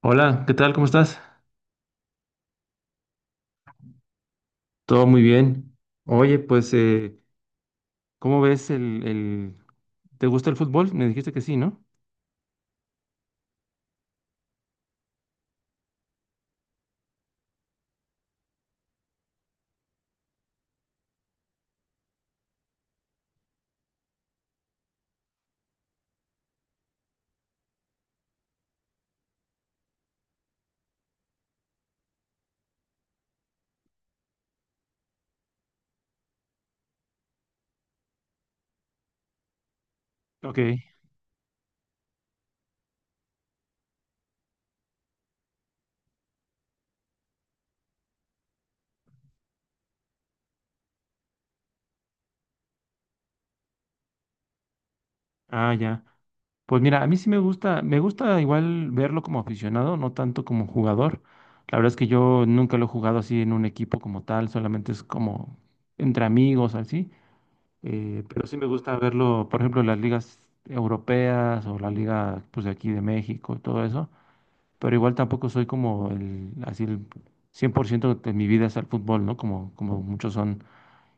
Hola, ¿qué tal? ¿Cómo estás? Todo muy bien. Oye, pues, ¿cómo ves el... ¿Te gusta el fútbol? Me dijiste que sí, ¿no? Ok. Ah, ya. Pues mira, a mí sí me gusta igual verlo como aficionado, no tanto como jugador. La verdad es que yo nunca lo he jugado así en un equipo como tal, solamente es como entre amigos, así. Pero sí me gusta verlo, por ejemplo, en las ligas europeas o la liga, pues, de aquí de México y todo eso. Pero igual tampoco soy como el, así el 100% de mi vida es el fútbol, ¿no? Como, como muchos son.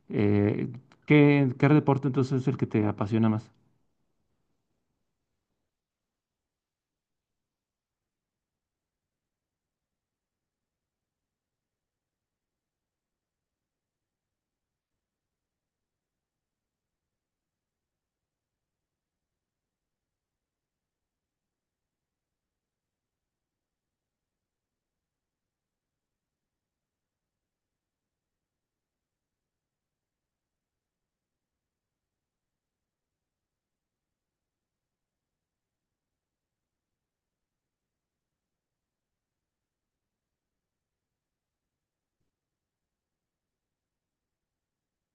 Eh, ¿qué deporte entonces es el que te apasiona más?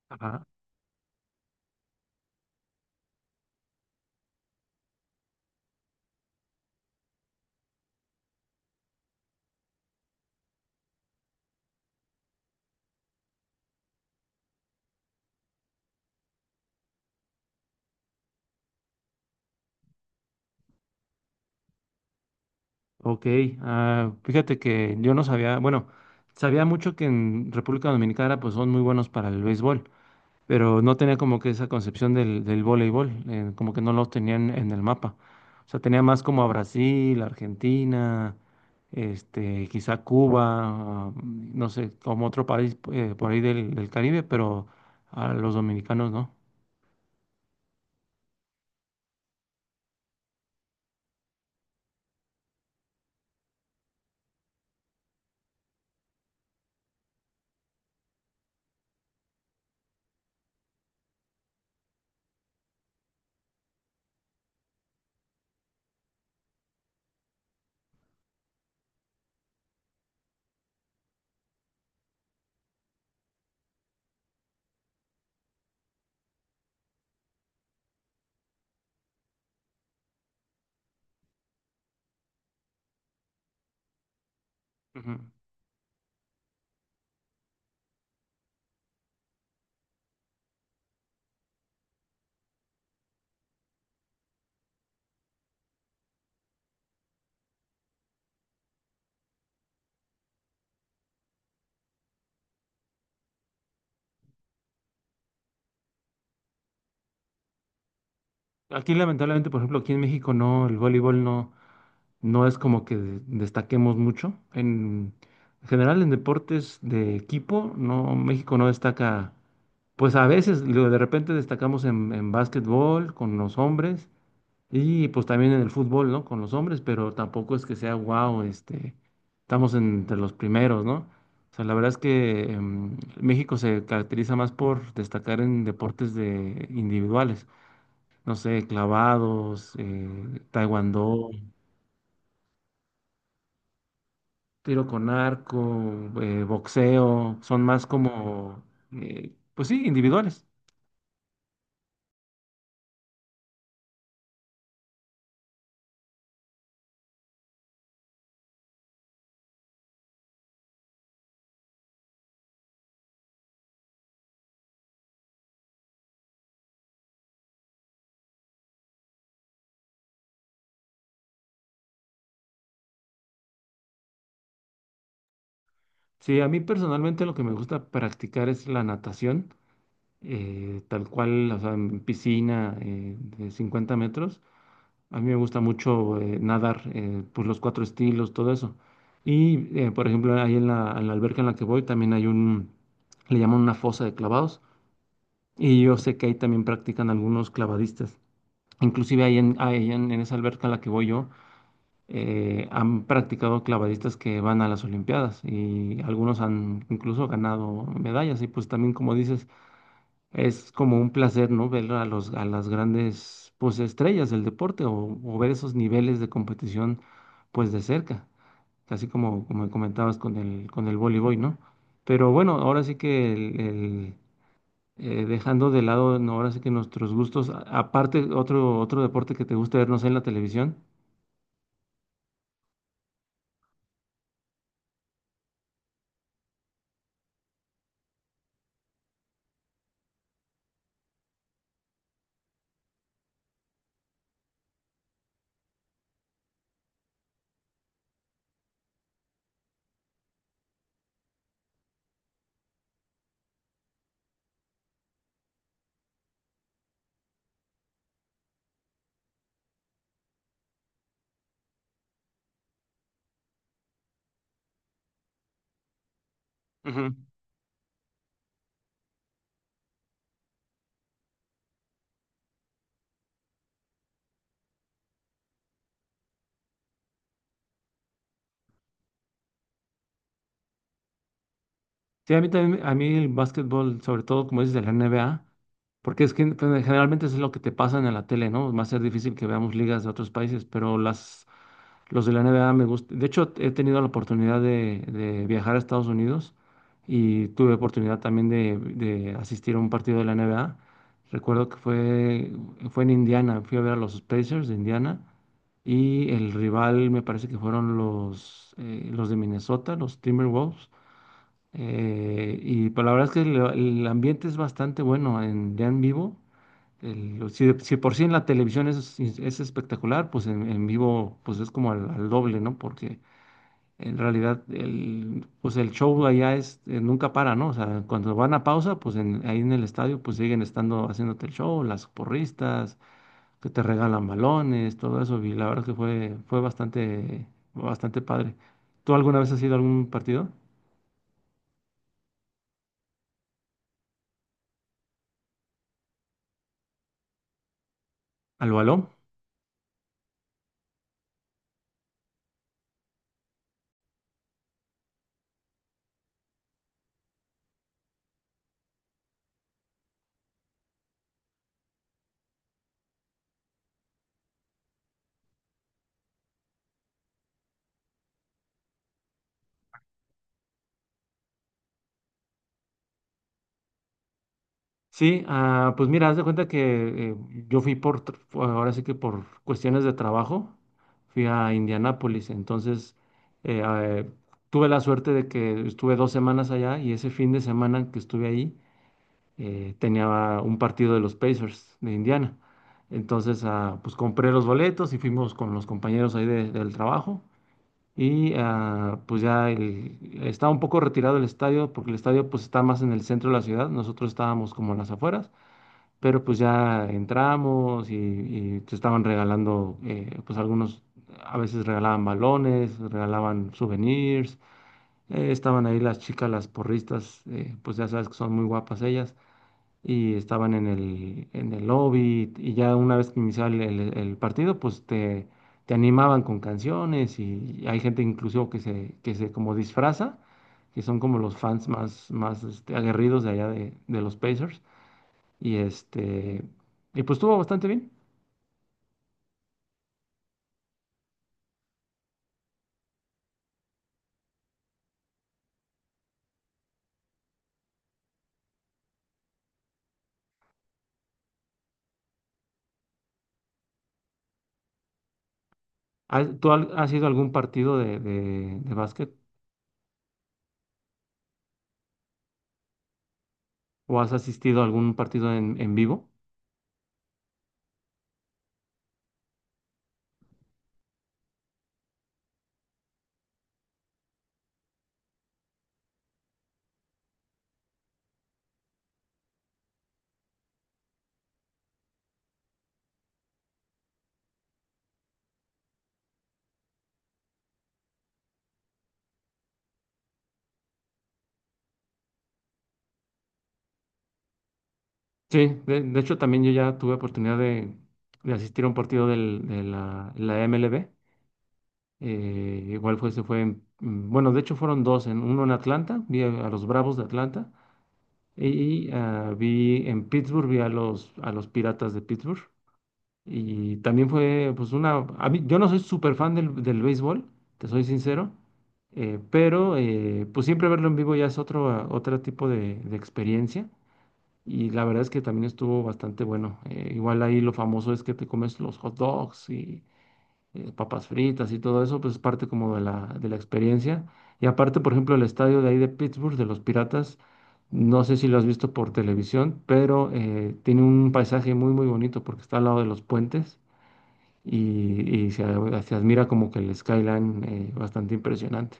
Ajá. Ok, ah, fíjate que yo no sabía, bueno, sabía mucho que en República Dominicana pues son muy buenos para el béisbol, pero no tenía como que esa concepción del voleibol, como que no lo tenían en el mapa. O sea, tenía más como a Brasil, Argentina, este, quizá Cuba, ah, no sé, como otro país por ahí del Caribe, pero a los dominicanos no. Ujú. Aquí lamentablemente, por ejemplo, aquí en México no, el voleibol no. No es como que destaquemos mucho. En general, en deportes de equipo, no, México no destaca. Pues a veces, luego de repente destacamos en básquetbol con los hombres y pues también en el fútbol, ¿no? Con los hombres, pero tampoco es que sea wow, este, estamos entre los primeros, ¿no? O sea, la verdad es que México se caracteriza más por destacar en deportes de individuales, no sé, clavados, taekwondo, tiro con arco, boxeo, son más como, pues sí, individuales. Sí, a mí personalmente lo que me gusta practicar es la natación, tal cual, o sea, en piscina de 50 metros. A mí me gusta mucho nadar, pues los cuatro estilos, todo eso. Y, por ejemplo, ahí en la alberca en la que voy también hay un, le llaman una fosa de clavados. Y yo sé que ahí también practican algunos clavadistas. Inclusive ahí en esa alberca a la que voy yo, han practicado clavadistas que van a las Olimpiadas y algunos han incluso ganado medallas. Y pues también, como dices, es como un placer, ¿no? Ver a los, a las grandes, pues, estrellas del deporte o ver esos niveles de competición, pues, de cerca. Así como, como comentabas con el voleibol, ¿no? Pero bueno, ahora sí que el, dejando de lado, no, ahora sí que nuestros gustos, aparte otro, otro deporte que te gusta ver, no sé, en la televisión. Sí, a mí también, a mí el básquetbol, sobre todo como dices de la NBA, porque es que pues, generalmente eso es lo que te pasan en la tele, ¿no? Va a ser difícil que veamos ligas de otros países, pero las, los de la NBA me gustan. De hecho, he tenido la oportunidad de viajar a Estados Unidos y tuve oportunidad también de asistir a un partido de la NBA. Recuerdo fue en Indiana, fui a ver a los Pacers de Indiana y el rival me parece que fueron los de Minnesota, los Timberwolves. Y pues la verdad es que el ambiente es bastante bueno en, ya en vivo. Si por sí en la televisión es espectacular, pues en vivo pues es como al doble, ¿no? Porque en realidad el, pues el show allá es, nunca para, ¿no? O sea, cuando van a pausa, pues ahí en el estadio pues siguen estando haciéndote el show, las porristas, que te regalan balones, todo eso. Y la verdad fue bastante, bastante padre. ¿Tú alguna vez has ido a algún partido? ¿Al balón? Sí, ah, pues mira, haz de cuenta que yo fui por, ahora sí que por cuestiones de trabajo, fui a Indianápolis, entonces eh, ah, eh, tuve la suerte de que estuve dos semanas allá y ese fin de semana que estuve ahí tenía un partido de los Pacers de Indiana. Entonces, ah, pues compré los boletos y fuimos con los compañeros ahí del trabajo y ah, pues ya estaba un poco retirado el estadio porque el estadio pues está más en el centro de la ciudad, nosotros estábamos como en las afueras pero pues ya entramos y te estaban regalando, pues algunos a veces regalaban balones, regalaban souvenirs, estaban ahí las chicas, las porristas, pues ya sabes que son muy guapas ellas, y estaban en el lobby y ya una vez que iniciaba el partido, pues te animaban con canciones y hay gente inclusive que se como disfraza, que son como los fans más, más este, aguerridos de allá de los Pacers y este, y pues estuvo bastante bien. ¿Tú has ido a algún partido de básquet o has asistido a algún partido en vivo? Sí, de hecho también yo ya tuve oportunidad de asistir a un partido de la MLB. Igual fue, se fue, en- mm, bueno, de hecho fueron dos, en, uno en Atlanta, vi a los Bravos de Atlanta y ah, vi en Pittsburgh, vi a los Piratas de Pittsburgh. Y también fue, pues, una. A mí, yo no soy súper fan del béisbol, te soy sincero, pues siempre verlo en vivo ya es otro, ah, otro tipo de experiencia. Y la verdad es que también estuvo bastante bueno. Igual ahí lo famoso es que te comes los hot dogs y papas fritas y todo eso, pues es parte como de de la experiencia. Y aparte, por ejemplo, el estadio de ahí de Pittsburgh, de los Piratas, no sé si lo has visto por televisión, pero tiene un paisaje muy, muy bonito porque está al lado de los puentes y se, se admira como que el skyline bastante impresionante.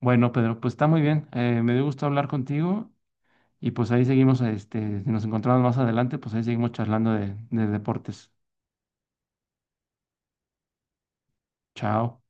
Bueno, Pedro, pues está muy bien. Me dio gusto hablar contigo y pues ahí seguimos, este, si nos encontramos más adelante, pues ahí seguimos charlando de deportes. Chao.